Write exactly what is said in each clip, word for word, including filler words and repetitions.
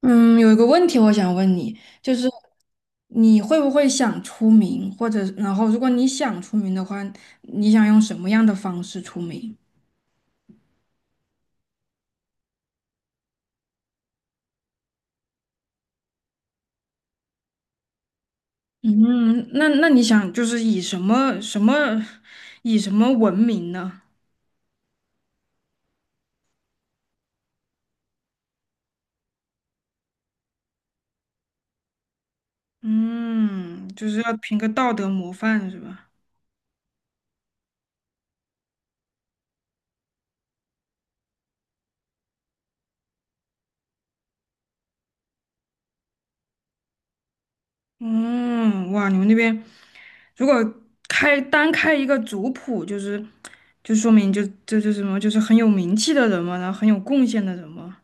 嗯，有一个问题我想问你，就是你会不会想出名，或者然后如果你想出名的话，你想用什么样的方式出名？嗯，那那你想就是以什么什么以什么闻名呢？嗯，就是要凭个道德模范是吧？嗯，哇，你们那边如果开单开一个族谱，就是就说明就这就是什么，就是很有名气的人嘛，然后很有贡献的人嘛。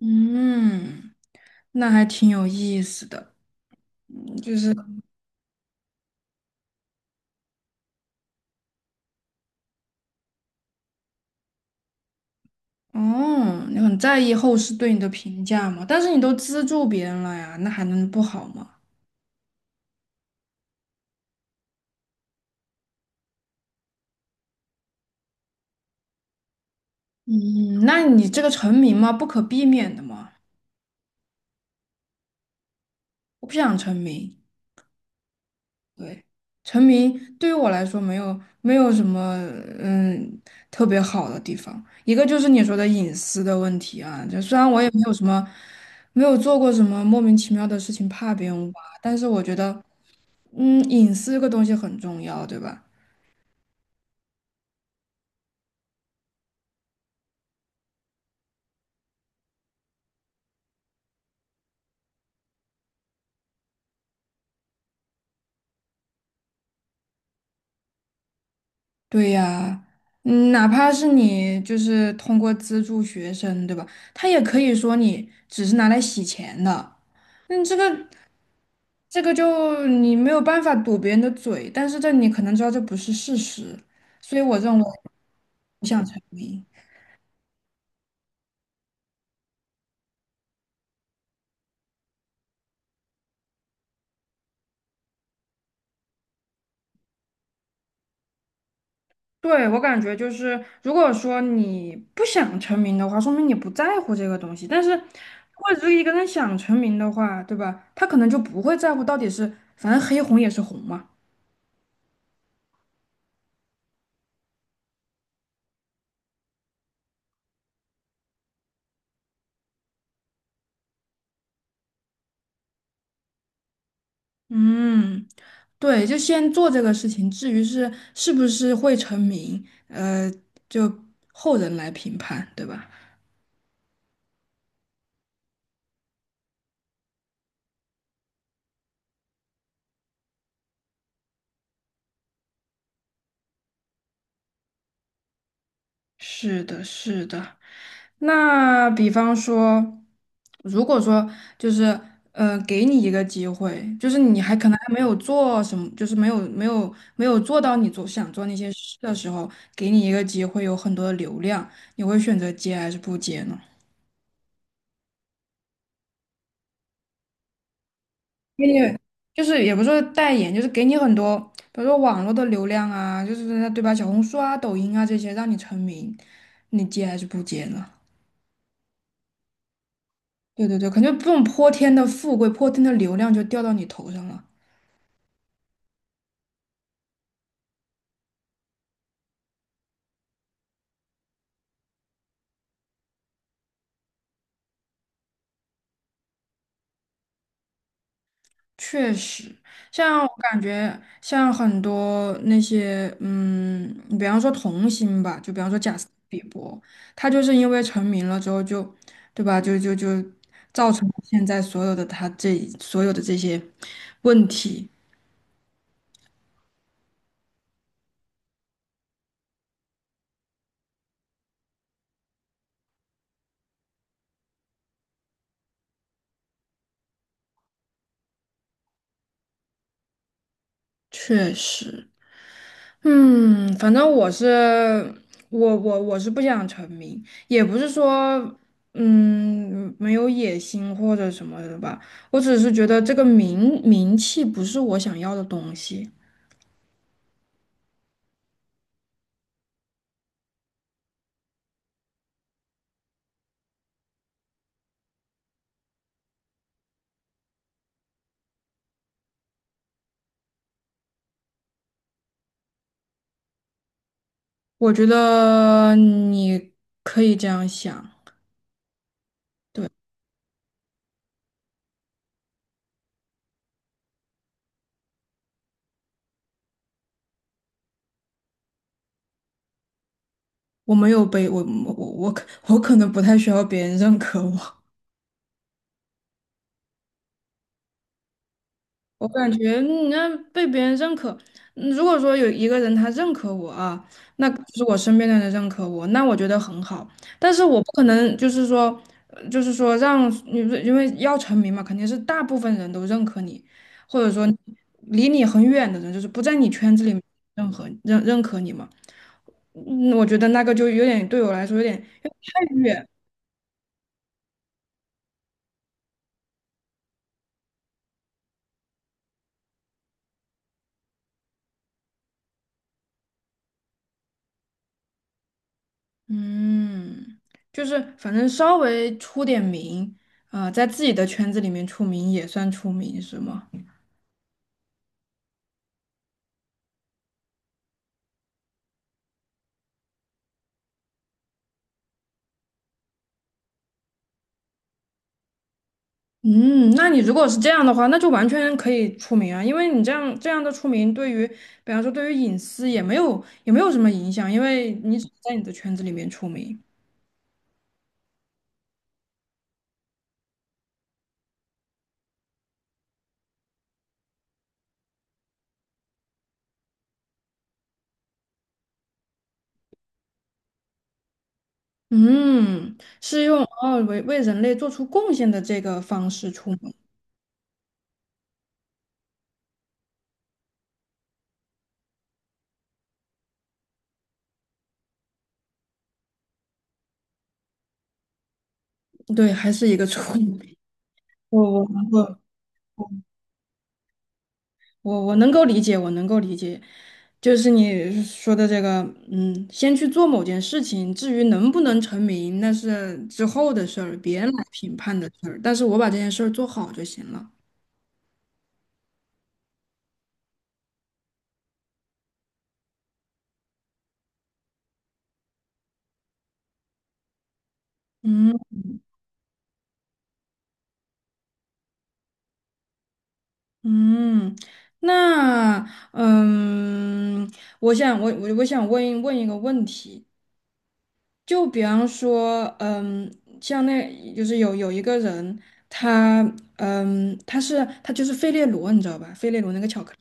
嗯，那还挺有意思的，嗯就是哦，你很在意后世对你的评价嘛？但是你都资助别人了呀，那还能不好吗？嗯，那你这个成名嘛，不可避免的嘛，我不想成名。对，成名对于我来说没有没有什么嗯特别好的地方，一个就是你说的隐私的问题啊，就虽然我也没有什么没有做过什么莫名其妙的事情怕别人挖，但是我觉得嗯隐私这个东西很重要，对吧？对呀，嗯，哪怕是你就是通过资助学生，对吧？他也可以说你只是拿来洗钱的，嗯，这个。这个就你没有办法堵别人的嘴，但是这你可能知道这不是事实，所以我认为不想成名。对，我感觉就是，如果说你不想成名的话，说明你不在乎这个东西。但是，如果只有一个人想成名的话，对吧？他可能就不会在乎到底是，反正黑红也是红嘛。嗯，对，就先做这个事情，至于是是不是会成名，呃，就后人来评判，对吧？是的，是的。那比方说，如果说就是，呃，给你一个机会，就是你还可能还没有做什么，就是没有没有没有做到你做想做那些事的时候，给你一个机会，有很多的流量，你会选择接还是不接呢？给你就是也不是说代言，就是给你很多，比如说网络的流量啊，就是对吧？小红书啊、抖音啊这些，让你成名，你接还是不接呢？对对对，感觉这种泼天的富贵、泼天的流量就掉到你头上了。确实，像我感觉，像很多那些，嗯，比方说童星吧，就比方说贾斯汀比伯，他就是因为成名了之后就，对吧？就就就造成了现在所有的他这所有的这些问题。确实。嗯，反正我是我我我是不想成名，也不是说嗯没有野心或者什么的吧，我只是觉得这个名名气不是我想要的东西。我觉得你可以这样想，我没有被我我我可我可能不太需要别人认可我。我感觉你要被别人认可，嗯如果说有一个人他认可我啊，那就是我身边的人认可我，那我觉得很好。但是我不可能就是说，呃就是说让你不是因为要成名嘛，肯定是大部分人都认可你，或者说离你很远的人，就是不在你圈子里认可认认可你嘛。嗯，我觉得那个就有点对我来说有点有点太远。嗯，就是反正稍微出点名，啊、在自己的圈子里面出名也算出名，是吗？嗯，那你如果是这样的话，那就完全可以出名啊，因为你这样这样的出名，对于比方说对于隐私也没有也没有什么影响，因为你只是在你的圈子里面出名。嗯，是用哦为为人类做出贡献的这个方式出名，对，还是一个出名。我我我。我我能够理解，我能够理解，就是你说的这个，嗯，先去做某件事情，至于能不能成名，那是之后的事儿，别人来评判的事儿。但是我把这件事儿做好就行了。嗯嗯，那嗯，我想我我我想问一问一个问题，就比方说，嗯，像那就是有有一个人，他嗯他是他就是费列罗，你知道吧？费列罗那个巧克力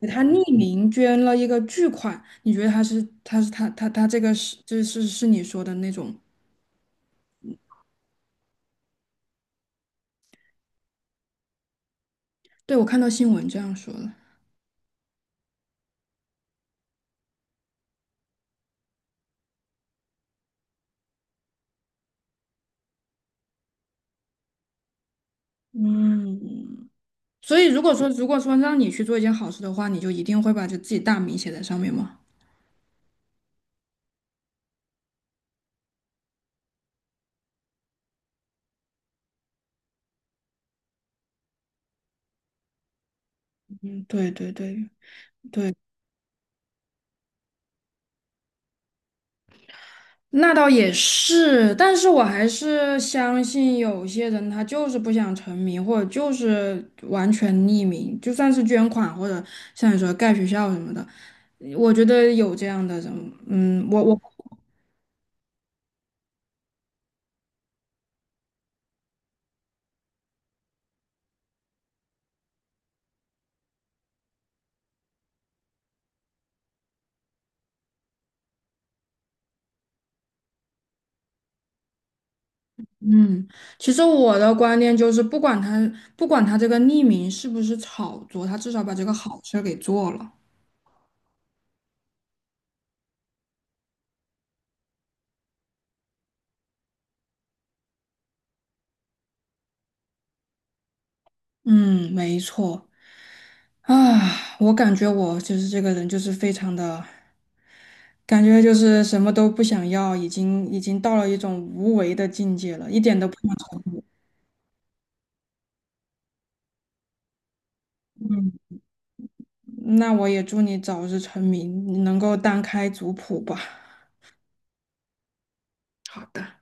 给他匿名捐了一个巨款，你觉得他是他是他他他这个是这是是你说的那种？对，我看到新闻这样说的。嗯，所以如果说如果说让你去做一件好事的话，你就一定会把就自己大名写在上面吗？嗯，对对对，那倒也是，但是我还是相信有些人他就是不想成名，或者就是完全匿名，就算是捐款或者像你说盖学校什么的，我觉得有这样的人，嗯，我我。嗯，其实我的观念就是，不管他不管他这个匿名是不是炒作，他至少把这个好事儿给做了。嗯，没错。啊，我感觉我就是这个人，就是非常的，感觉就是什么都不想要，已经已经到了一种无为的境界了，一点都不想成为。嗯，那我也祝你早日成名，能够单开族谱吧。好的。